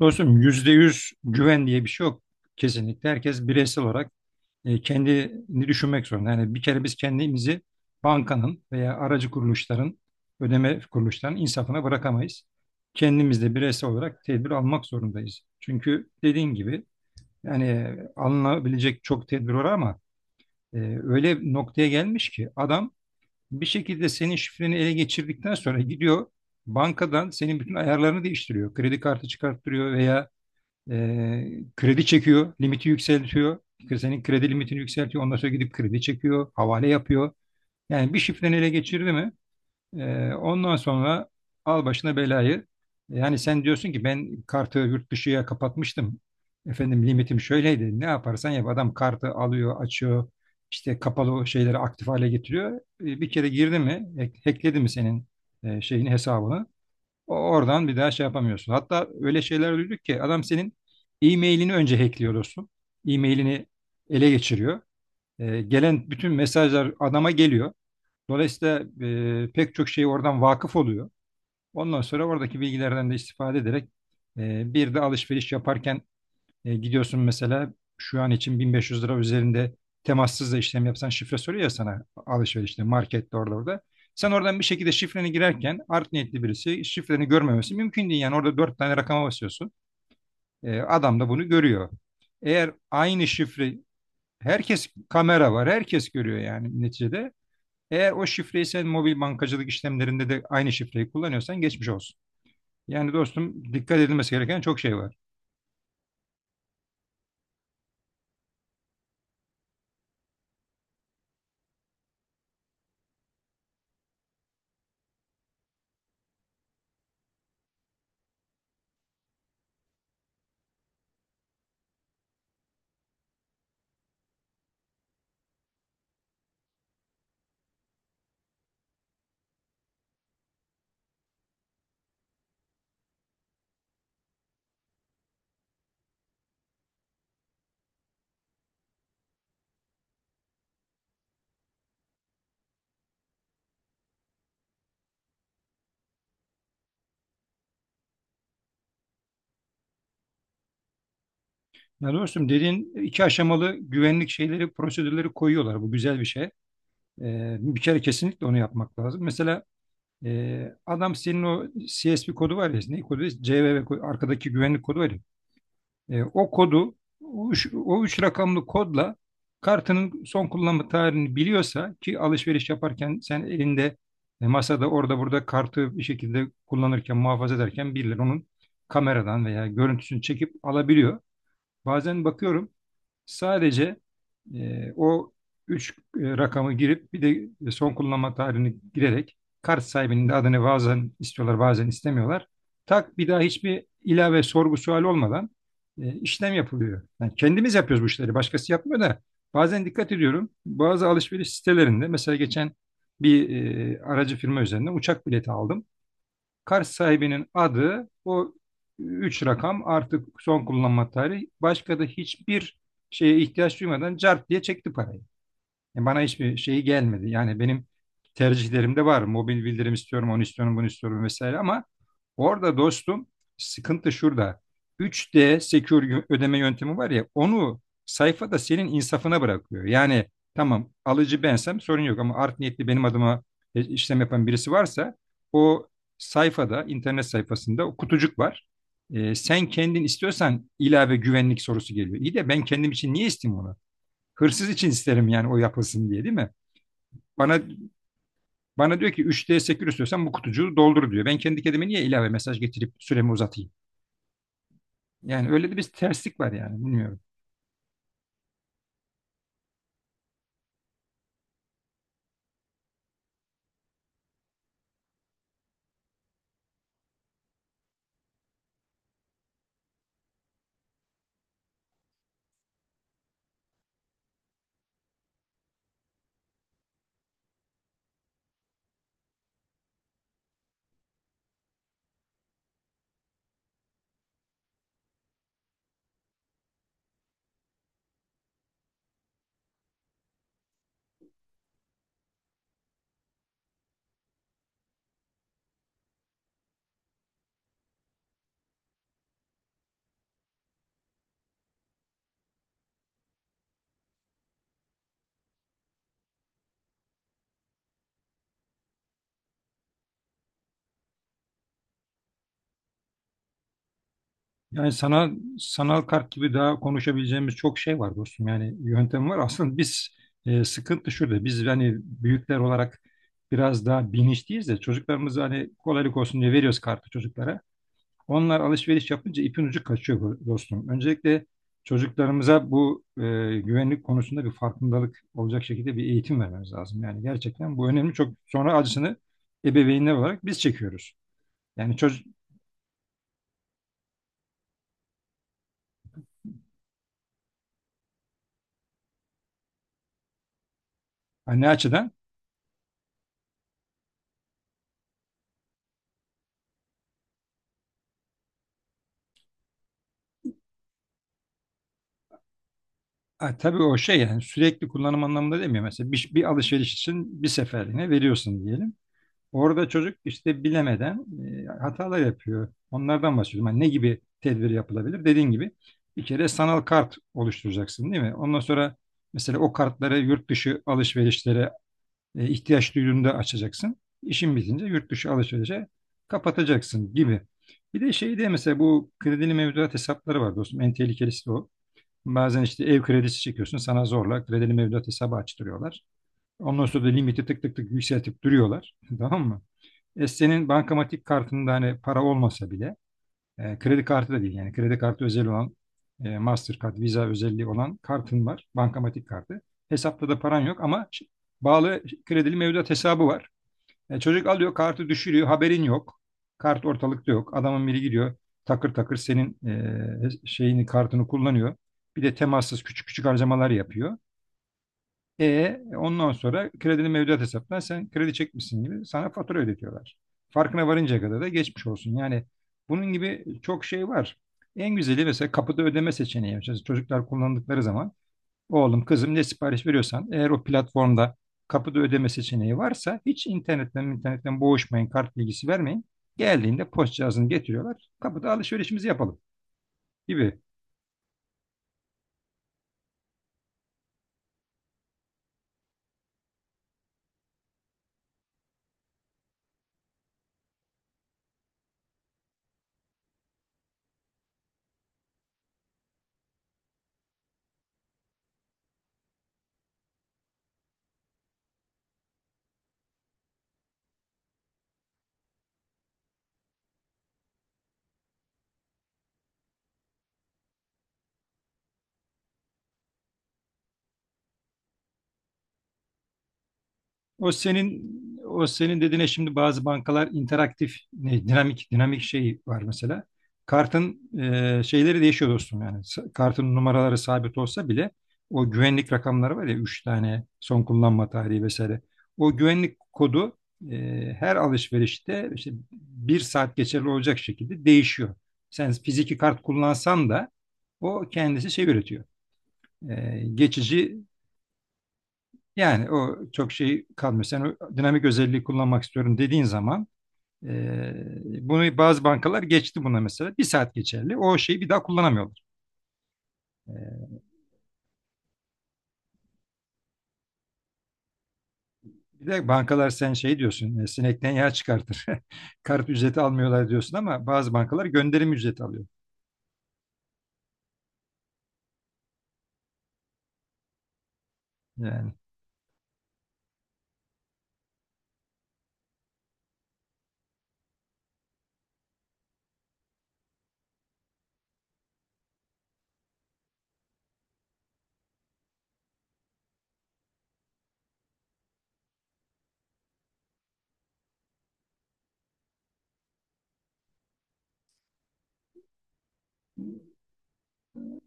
Dostum %100 güven diye bir şey yok. Kesinlikle herkes bireysel olarak kendini düşünmek zorunda. Yani bir kere biz kendimizi bankanın veya aracı kuruluşların, ödeme kuruluşlarının insafına bırakamayız. Kendimiz de bireysel olarak tedbir almak zorundayız. Çünkü dediğin gibi yani alınabilecek çok tedbir var ama e, öyle bir noktaya gelmiş ki adam bir şekilde senin şifreni ele geçirdikten sonra gidiyor bankadan senin bütün ayarlarını değiştiriyor. Kredi kartı çıkarttırıyor veya ee, kredi çekiyor, limiti yükseltiyor. Senin kredi limitini yükseltiyor. Ondan sonra gidip kredi çekiyor, havale yapıyor. Yani bir şifreni ele geçirdi mi? Ondan sonra al başına belayı. Yani sen diyorsun ki ben kartı yurt dışıya kapatmıştım. Efendim limitim şöyleydi. Ne yaparsan yap. Adam kartı alıyor, açıyor. İşte kapalı şeyleri aktif hale getiriyor. Bir kere girdi mi, hackledi mi senin şeyini, hesabını? Oradan bir daha şey yapamıyorsun. Hatta öyle şeyler duyduk ki adam senin e-mailini önce hackliyor dostum. E-mailini ele geçiriyor. Gelen bütün mesajlar adama geliyor. Dolayısıyla pek çok şey oradan vakıf oluyor. Ondan sonra oradaki bilgilerden de istifade ederek bir de alışveriş yaparken gidiyorsun mesela şu an için 1.500 lira üzerinde temassız da işlem yapsan şifre soruyor ya sana alışverişte, markette orada. Sen oradan bir şekilde şifreni girerken art niyetli birisi şifreni görmemesi mümkün değil. Yani orada dört tane rakama basıyorsun. Adam da bunu görüyor. Eğer aynı şifre, herkes kamera var, herkes görüyor yani neticede. Eğer o şifreyi sen mobil bankacılık işlemlerinde de aynı şifreyi kullanıyorsan geçmiş olsun. Yani dostum dikkat edilmesi gereken çok şey var. Ya dostum dediğin iki aşamalı güvenlik şeyleri, prosedürleri koyuyorlar. Bu güzel bir şey. Bir kere kesinlikle onu yapmak lazım. Mesela adam senin o C S CSP kodu var ya, ne kodu? C V V kodu, arkadaki güvenlik kodu var ya. O kodu, o üç rakamlı kodla kartının son kullanma tarihini biliyorsa, ki alışveriş yaparken sen elinde, masada, orada burada kartı bir şekilde kullanırken, muhafaza ederken birileri onun kameradan veya görüntüsünü çekip alabiliyor. Bazen bakıyorum, sadece o 3 rakamı girip bir de son kullanma tarihini girerek kart sahibinin de adını bazen istiyorlar bazen istemiyorlar. Tak, bir daha hiçbir ilave sorgu sual olmadan işlem yapılıyor. Yani kendimiz yapıyoruz bu işleri, başkası yapmıyor da bazen dikkat ediyorum bazı alışveriş sitelerinde. Mesela geçen bir aracı firma üzerinden uçak bileti aldım. Kars sahibinin adı, o üç rakam, artık son kullanma tarihi. Başka da hiçbir şeye ihtiyaç duymadan cart diye çekti parayı. Bana hiçbir şeyi gelmedi. Yani benim tercihlerimde var. Mobil bildirim istiyorum, onu istiyorum, bunu istiyorum vesaire, ama orada dostum sıkıntı şurada. Üç d Secure ödeme yöntemi var ya, onu sayfada senin insafına bırakıyor. Yani tamam, alıcı bensem sorun yok, ama art niyetli benim adıma işlem yapan birisi varsa, o sayfada, internet sayfasında o kutucuk var. Sen kendin istiyorsan ilave güvenlik sorusu geliyor. İyi de ben kendim için niye isteyeyim onu? Hırsız için isterim yani, o yapılsın diye, değil mi? Bana bana diyor ki üç d sekür istiyorsan bu kutucuğu doldur diyor. Ben kendi kendime niye ilave mesaj getirip süremi uzatayım? Yani öyle de bir terslik var, yani bilmiyorum. Yani sanal kart gibi daha konuşabileceğimiz çok şey var dostum. Yani yöntem var. Aslında biz, sıkıntı şurada. Biz hani büyükler olarak biraz daha bilinçliyiz de çocuklarımız, hani kolaylık olsun diye veriyoruz kartı çocuklara. Onlar alışveriş yapınca ipin ucu kaçıyor dostum. Öncelikle çocuklarımıza bu güvenlik konusunda bir farkındalık olacak şekilde bir eğitim vermemiz lazım. Yani gerçekten bu önemli. Çok sonra acısını ebeveynler olarak biz çekiyoruz. Yani çocuk, anne açıdan, ha, tabii o şey, yani sürekli kullanım anlamında demiyor. Mesela bir alışveriş için bir seferliğine veriyorsun diyelim. Orada çocuk işte bilemeden hatalar yapıyor. Onlardan bahsediyorum. Hani ne gibi tedbir yapılabilir? Dediğin gibi, bir kere sanal kart oluşturacaksın, değil mi? Ondan sonra mesela o kartları yurt dışı alışverişlere ihtiyaç duyduğunda açacaksın. İşin bitince yurt dışı alışverişe kapatacaksın gibi. Bir de şeyde mesela, bu kredili mevduat hesapları var dostum. En tehlikelisi de o. Bazen işte ev kredisi çekiyorsun, sana zorla kredili mevduat hesabı açtırıyorlar. Ondan sonra da limiti tık tık tık yükseltip duruyorlar. Tamam mı? Senin bankamatik kartında hani para olmasa bile, kredi kartı da değil, yani kredi kartı özel olan, Mastercard, Visa özelliği olan kartın var. Bankamatik kartı. Hesapta da paran yok ama bağlı kredili mevduat hesabı var. Çocuk alıyor kartı, düşürüyor, haberin yok. Kart ortalıkta yok. Adamın biri gidiyor takır takır senin şeyini, kartını kullanıyor. Bir de temassız küçük küçük harcamalar yapıyor. Ondan sonra kredinin mevduat hesaptan sen kredi çekmişsin gibi sana fatura ödetiyorlar. Farkına varıncaya kadar da geçmiş olsun. Yani bunun gibi çok şey var. En güzeli mesela kapıda ödeme seçeneği. Mesela çocuklar kullandıkları zaman, oğlum kızım ne sipariş veriyorsan, eğer o platformda kapıda ödeme seçeneği varsa hiç internetten boğuşmayın, kart bilgisi vermeyin. Geldiğinde post cihazını getiriyorlar. Kapıda alışverişimizi yapalım gibi. O senin o senin dediğine, şimdi bazı bankalar interaktif, ne, dinamik şey var mesela. Kartın şeyleri değişiyor dostum yani. Kartın numaraları sabit olsa bile o güvenlik rakamları var ya, 3 tane, son kullanma tarihi vesaire. O güvenlik kodu her alışverişte işte bir saat geçerli olacak şekilde değişiyor. Sen fiziki kart kullansan da o kendisi şey üretiyor. Geçici yani, o çok şey kalmıyor. Sen o dinamik özelliği kullanmak istiyorum dediğin zaman, e, bunu bazı bankalar geçti buna mesela. Bir saat geçerli. O şeyi bir daha kullanamıyorlar. E, bir de bankalar, sen şey diyorsun, sinekten yağ çıkartır. Kart ücreti almıyorlar diyorsun ama bazı bankalar gönderim ücreti alıyor. Yani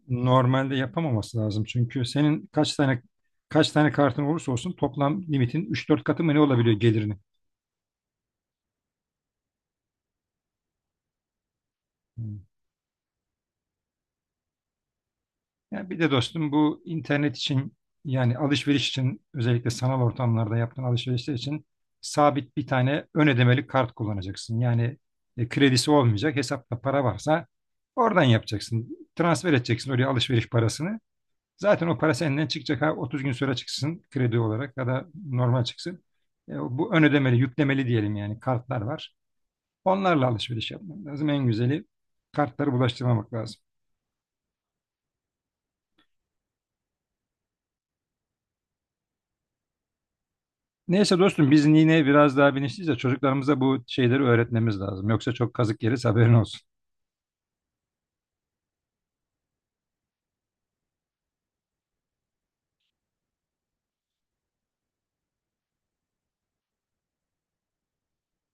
normalde yapamaması lazım. Çünkü senin kaç tane kartın olursa olsun toplam limitin üç dört katı mı ne olabiliyor gelirini? Hmm. Ya bir de dostum bu internet için, yani alışveriş için, özellikle sanal ortamlarda yaptığın alışverişler için sabit bir tane ön ödemeli kart kullanacaksın. Yani kredisi olmayacak, hesapta para varsa oradan yapacaksın. Transfer edeceksin oraya alışveriş parasını. Zaten o para senden çıkacak. Ha, 30 gün sonra çıksın kredi olarak ya da normal çıksın. E, bu ön ödemeli, yüklemeli diyelim yani, kartlar var. Onlarla alışveriş yapmak lazım. En güzeli kartları bulaştırmamak lazım. Neyse dostum, biz yine biraz daha bilinçliyiz de çocuklarımıza bu şeyleri öğretmemiz lazım. Yoksa çok kazık yeriz, haberin olsun.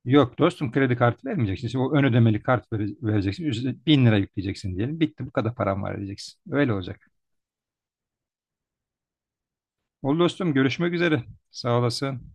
Yok dostum, kredi kartı vermeyeceksin. Şimdi o ön ödemeli kart vereceksin. Üstüne 1.000 lira yükleyeceksin diyelim. Bitti, bu kadar param var diyeceksin. Öyle olacak. Oldu dostum, görüşmek üzere. Sağ olasın.